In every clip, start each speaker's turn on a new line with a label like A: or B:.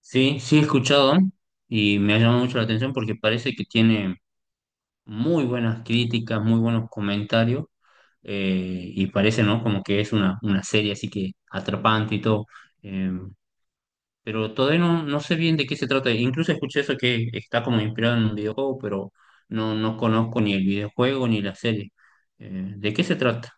A: Sí, sí he escuchado y me ha llamado mucho la atención porque parece que tiene muy buenas críticas, muy buenos comentarios, y parece, ¿no? Como que es una serie así que atrapante y todo. eh, pero todavía no, no sé bien de qué se trata. Incluso escuché eso que está como inspirado en un videojuego, pero no, no conozco ni el videojuego ni la serie. ¿De qué se trata?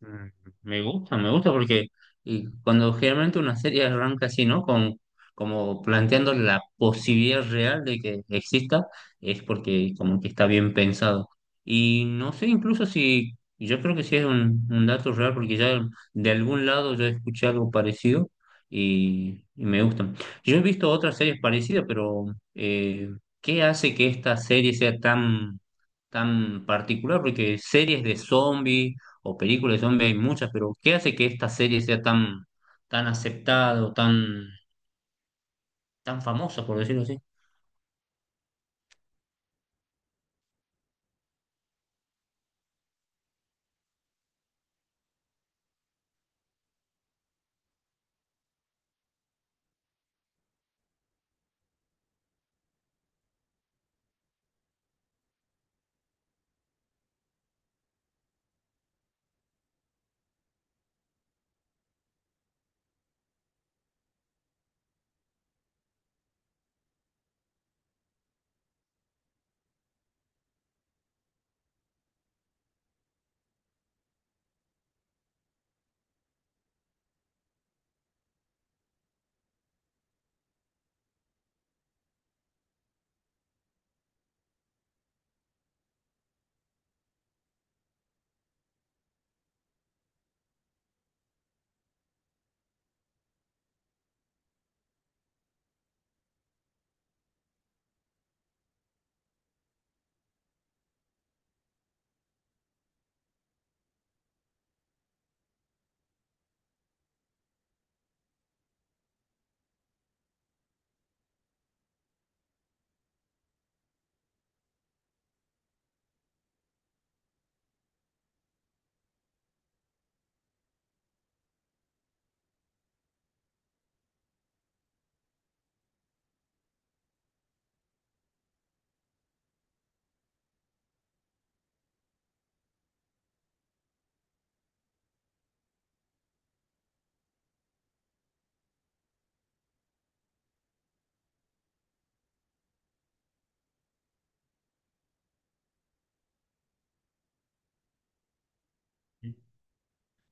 A: Mm. Me gusta porque y cuando generalmente una serie arranca así, ¿no? Como planteando la posibilidad real de que exista, es porque como que está bien pensado. Y no sé incluso si, yo creo que sí es un dato real porque ya de algún lado yo escuché algo parecido y me gustan. Yo he visto otras series parecidas, pero eh, ¿qué hace que esta serie sea tan particular? Porque series de zombies o películas de zombies hay muchas, pero ¿qué hace que esta serie sea tan aceptada o tan famosa, por decirlo así?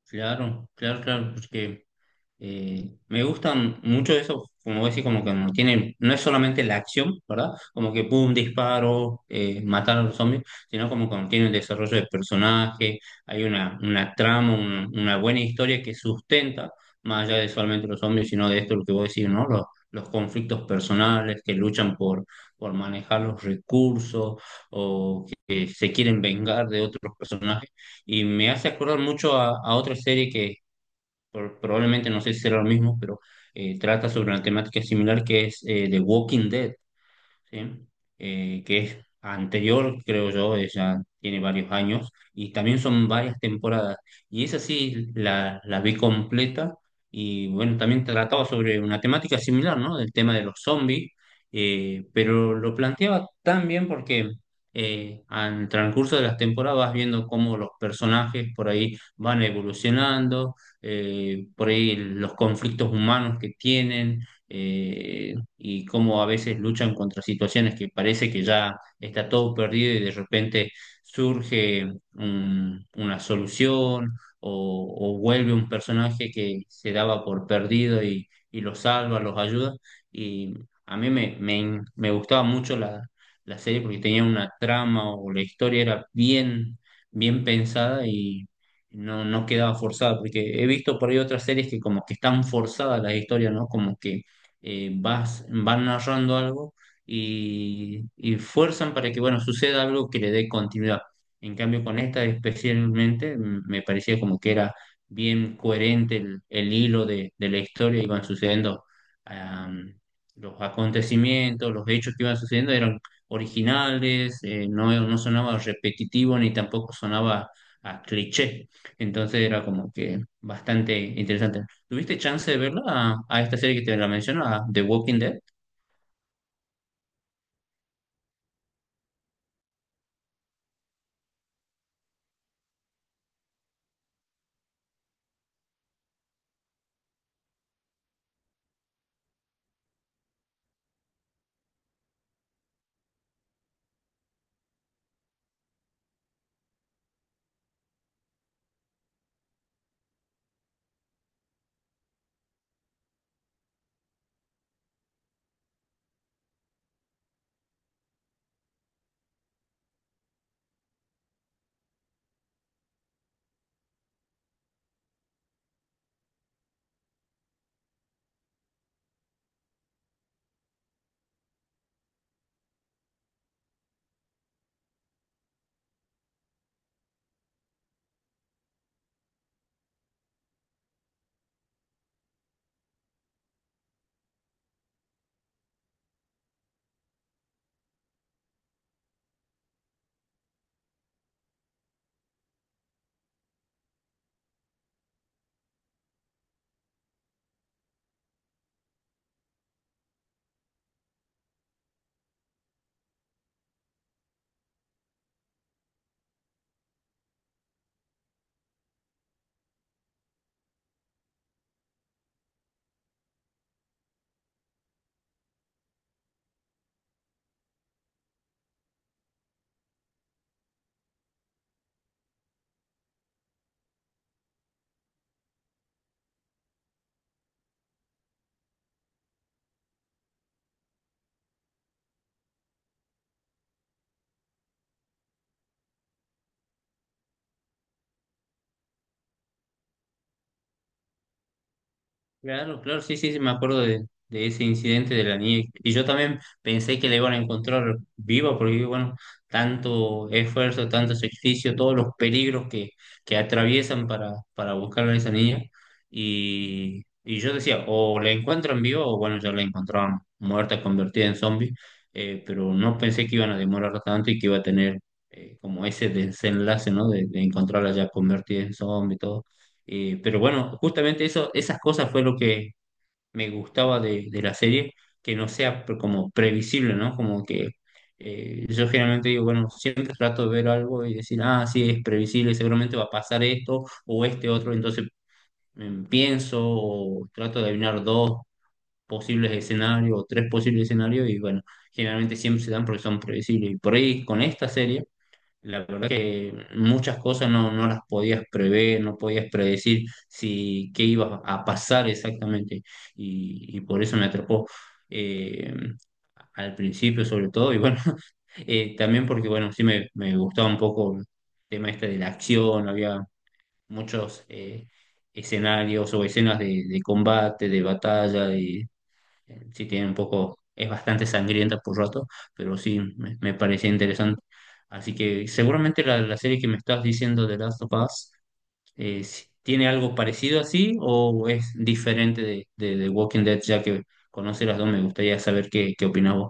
A: Claro, claro, claro, porque me gustan mucho eso, como vos decís. Como que no tienen, no es solamente la acción, ¿verdad? Como que pum, disparo, matar a los zombies, sino como que tiene un desarrollo de personaje, hay una trama, una buena historia que sustenta, más allá de solamente los zombies, sino de esto lo que vos decís, ¿no? Los conflictos personales que luchan por manejar los recursos o que se quieren vengar de otros personajes. Y me hace acordar mucho a otra serie, probablemente no sé si será lo mismo, pero trata sobre una temática similar que es The Walking Dead. ¿Sí? Que es anterior, creo yo, ella tiene varios años, y también son varias temporadas. Y esa sí la vi completa, y bueno, también trataba sobre una temática similar, ¿no? Del tema de los zombies. Pero lo planteaba tan bien porque al transcurso de las temporadas vas viendo cómo los personajes por ahí van evolucionando, por ahí los conflictos humanos que tienen. Y cómo a veces luchan contra situaciones que parece que ya está todo perdido y de repente surge una solución o vuelve un personaje que se daba por perdido y los salva, los ayuda. Y a mí me gustaba mucho la serie porque tenía una trama o la historia era bien pensada y no, no quedaba forzada, porque he visto por ahí otras series que como que están forzadas las historias, ¿no? Como que van narrando algo y fuerzan para que, bueno, suceda algo que le dé continuidad. En cambio, con esta especialmente, me parecía como que era bien coherente el hilo de la historia. Iban sucediendo, am, los acontecimientos, los hechos que iban sucediendo eran originales. No, no sonaba repetitivo ni tampoco sonaba a cliché. Entonces era como que bastante interesante. ¿Tuviste chance de verla a esta serie que te la menciono, a The Walking Dead? Claro, claro, sí, sí, sí, me acuerdo de ese incidente de la niña. Y yo también pensé que la iban a encontrar viva, porque bueno, tanto esfuerzo, tanto sacrificio, todos los peligros que atraviesan para buscar a esa niña. Y yo decía, o la encuentran viva, o bueno, ya la encontraban muerta, convertida en zombie. Pero no pensé que iban a demorar tanto y que iba a tener como ese desenlace, ¿no? De encontrarla ya convertida en zombie y todo. Pero bueno, justamente eso, esas cosas fue lo que me gustaba de la serie, que no sea como previsible, ¿no? Como que yo generalmente digo, bueno, siempre trato de ver algo y decir, ah, sí, es previsible, seguramente va a pasar esto o este otro. Entonces pienso o trato de adivinar dos posibles escenarios o tres posibles escenarios y bueno, generalmente siempre se dan porque son previsibles. Y por ahí con esta serie la verdad que muchas cosas no, no las podías prever, no podías predecir si qué iba a pasar exactamente. Y por eso me atrapó, eh, al principio sobre todo. Y bueno, también porque bueno, sí me gustaba un poco el tema este de la acción, había muchos escenarios o escenas de combate, de batalla. De Sí tiene un poco, es bastante sangrienta por rato, pero sí, me parecía interesante. Así que seguramente la serie que me estás diciendo de Last of Us, tiene algo parecido así o es diferente de Walking Dead, ya que conoce las dos, me gustaría saber qué opinas vos.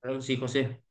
A: Claro que sí, José,